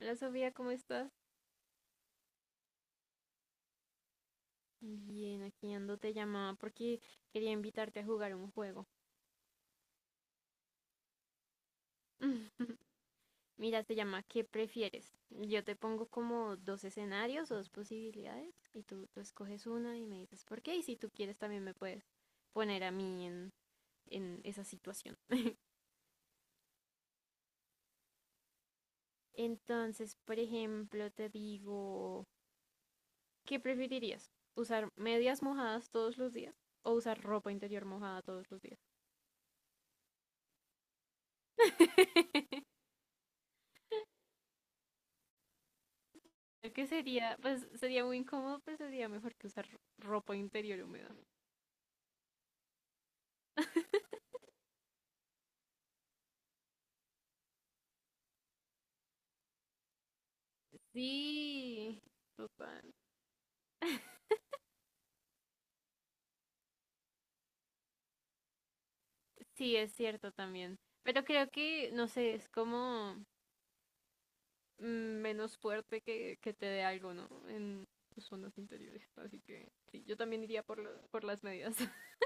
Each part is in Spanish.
Hola Sofía, ¿cómo estás? Bien, aquí ando, te llamaba porque quería invitarte a jugar un juego. Mira, se llama ¿Qué prefieres? Yo te pongo como dos escenarios o dos posibilidades y tú escoges una y me dices por qué y si tú quieres también me puedes poner a mí en esa situación. Entonces, por ejemplo, te digo, ¿qué preferirías? ¿Usar medias mojadas todos los días o usar ropa interior mojada todos los días? Creo que sería, pues sería muy incómodo, pues sería mejor que usar ropa interior húmeda. Sí, total. Sí, es cierto también. Pero creo que, no sé, es como mm, menos fuerte que te dé algo, ¿no? En tus zonas interiores. Así que sí, yo también iría por las medidas.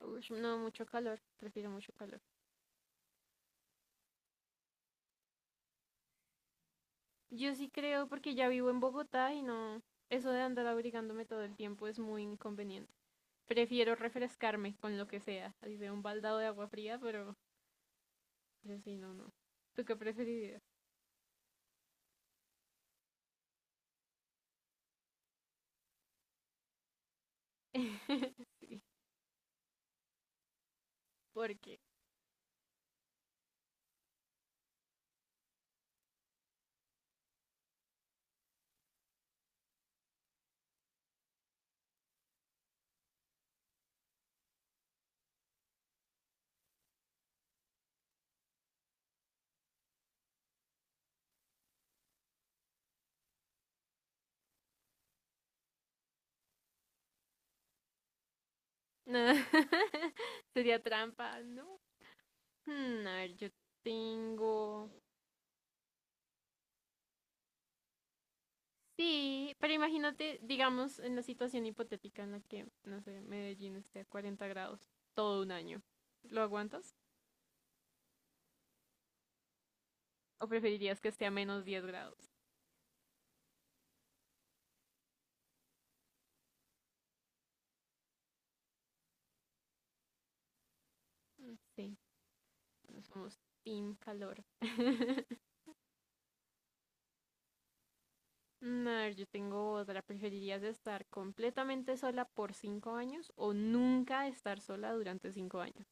Ush, no, mucho calor. Prefiero mucho calor. Yo sí creo porque ya vivo en Bogotá y no, eso de andar abrigándome todo el tiempo es muy inconveniente. Prefiero refrescarme con lo que sea, así sea un baldado de agua fría, pero yo sí, no, no. ¿Tú qué preferirías? Porque sería trampa, ¿no? Hmm, a ver, yo tengo... Sí, pero imagínate, digamos, en la situación hipotética en la que, no sé, Medellín esté a 40 grados todo un año. ¿Lo aguantas? ¿O preferirías que esté a -10 grados? Sí, no somos team calor. Mm, a ver, yo tengo otra. ¿Preferirías estar completamente sola por 5 años o nunca estar sola durante 5 años?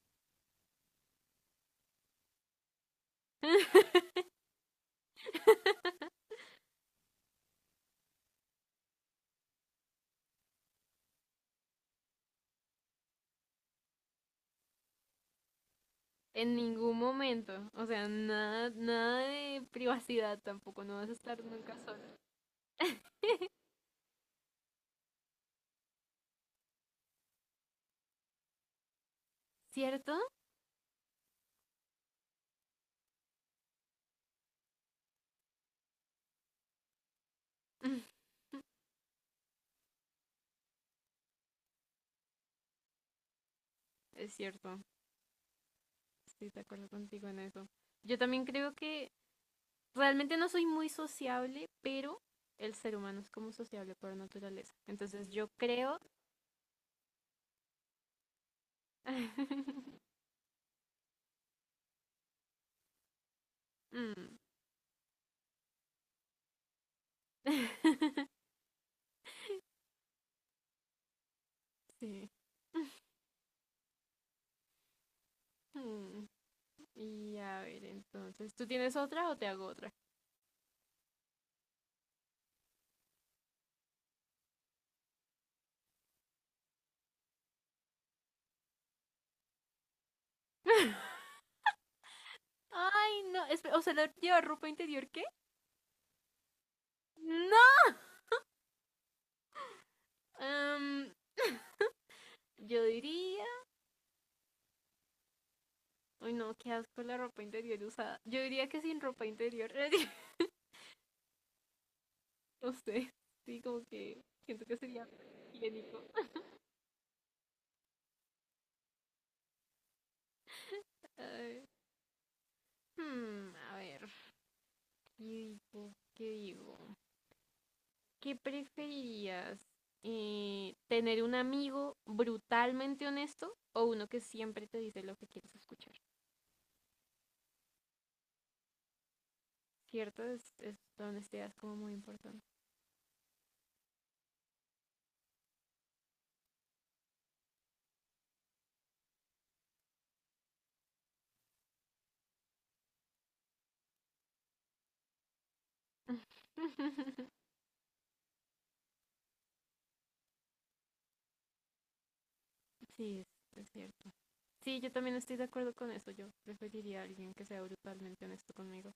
En ningún momento. O sea, nada de privacidad tampoco. No vas a estar nunca sola. ¿Cierto? Mm, es cierto. Sí, de acuerdo contigo en eso. Yo también creo que realmente no soy muy sociable, pero el ser humano es como sociable por naturaleza. Entonces yo creo... Mm, sí. Ujú. Y a ver, entonces, ¿tú tienes otra o te hago otra? Ay, no, o sea, ¿lleva ropa interior qué? No. Em, yo diría, uy, no, qué asco la ropa interior usada. Yo diría que sin ropa interior, no sé, sí, como que siento que sería higiénico. Ay, a ver, ¿qué digo? ¿Qué digo? ¿Qué preferirías? ¿Tener un amigo brutalmente honesto o uno que siempre te dice lo que quieres escuchar? ¿Cierto? Es la honestidad es como muy importante. Sí, es cierto. Sí, yo también estoy de acuerdo con eso. Yo preferiría a alguien que sea brutalmente honesto conmigo.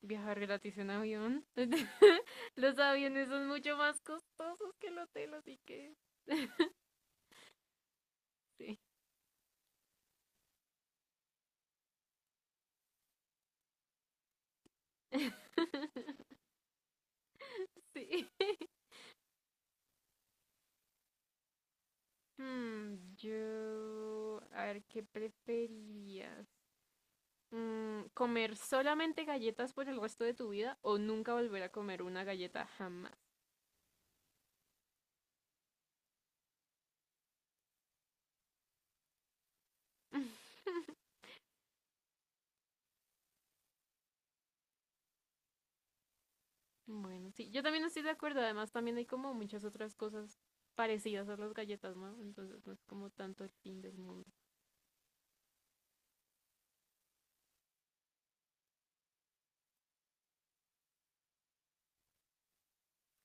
Viajar gratis en avión. Los aviones son mucho más costosos que el hotel, así que... sí. Sí. Yo, a ver, ¿qué preferirías? ¿Comer solamente galletas por el resto de tu vida o nunca volver a comer una galleta jamás? Bueno, sí, yo también estoy de acuerdo. Además, también hay como muchas otras cosas parecidas a las galletas, ¿no? Entonces no es como tanto el fin del mundo.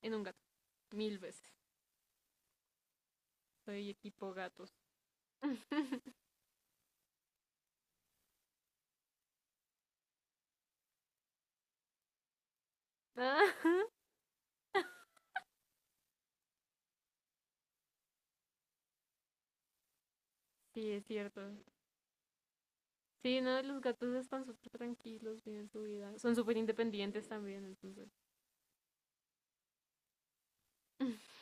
En un gato, mil veces. Soy equipo gatos. Ah, sí, es cierto. Sí, no, los gatos están súper tranquilos, viven su vida. Son súper independientes también, entonces.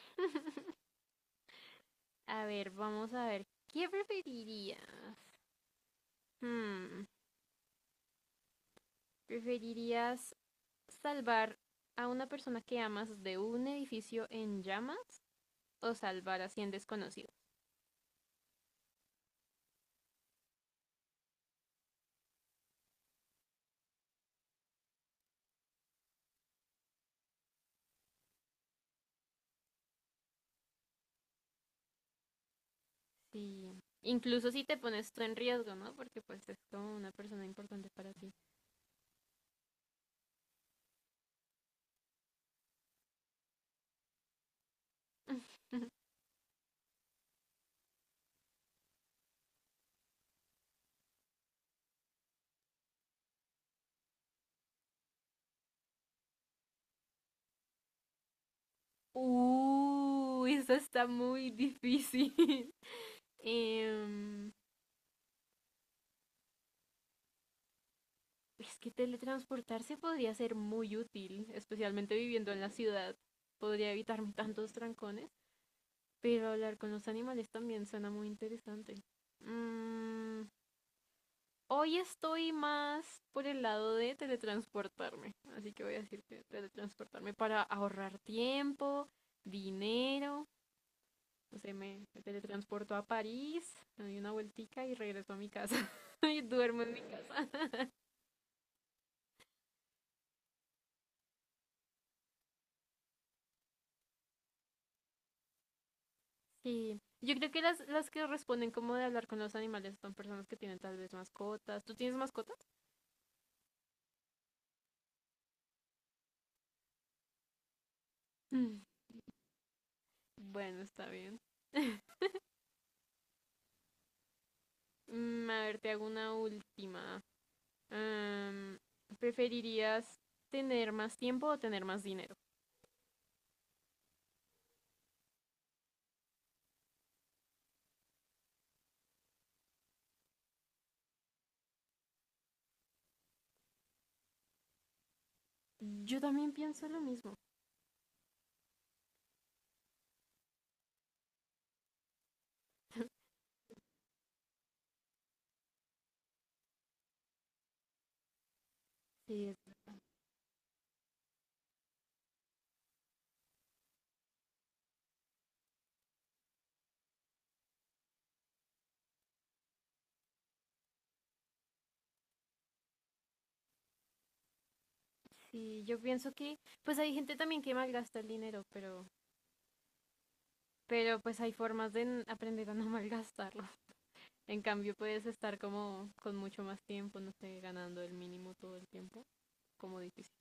A ver, vamos a ver. ¿Qué preferirías? Hmm, ¿Preferirías salvar a una persona que amas de un edificio en llamas o salvar a 100 desconocidos? Sí. Incluso si te pones tú en riesgo, ¿no? Porque pues es como una persona importante para ti. Eso está muy difícil. Em, es que teletransportarse podría ser muy útil, especialmente viviendo en la ciudad. Podría evitarme tantos trancones. Pero hablar con los animales también suena muy interesante. Mm, hoy estoy más por el lado de teletransportarme. Así que voy a decir que teletransportarme para ahorrar tiempo, dinero. No sé, me teletransporto a París, me doy una vueltica y regreso a mi casa. Y duermo en mi casa. Sí. Yo creo que las que responden como de hablar con los animales son personas que tienen tal vez mascotas. ¿Tú tienes mascotas? Mm, bueno, está bien. Mm, a ver, te hago una última. Am, ¿Preferirías tener más tiempo o tener más dinero? Yo también pienso lo mismo. Sí, sí, yo pienso que, pues hay gente también que malgasta el dinero, pero pues hay formas de aprender a no malgastarlo. En cambio, puedes estar como con mucho más tiempo, no sé, ganando el mínimo todo el tiempo, como difícil.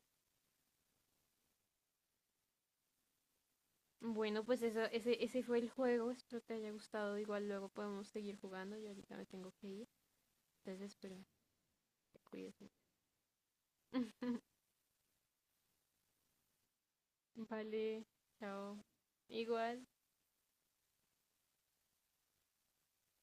Bueno, pues eso, ese fue el juego. Espero te haya gustado. Igual luego podemos seguir jugando. Yo ahorita me tengo que ir. Entonces, espero que te cuides. Vale, chao. Igual.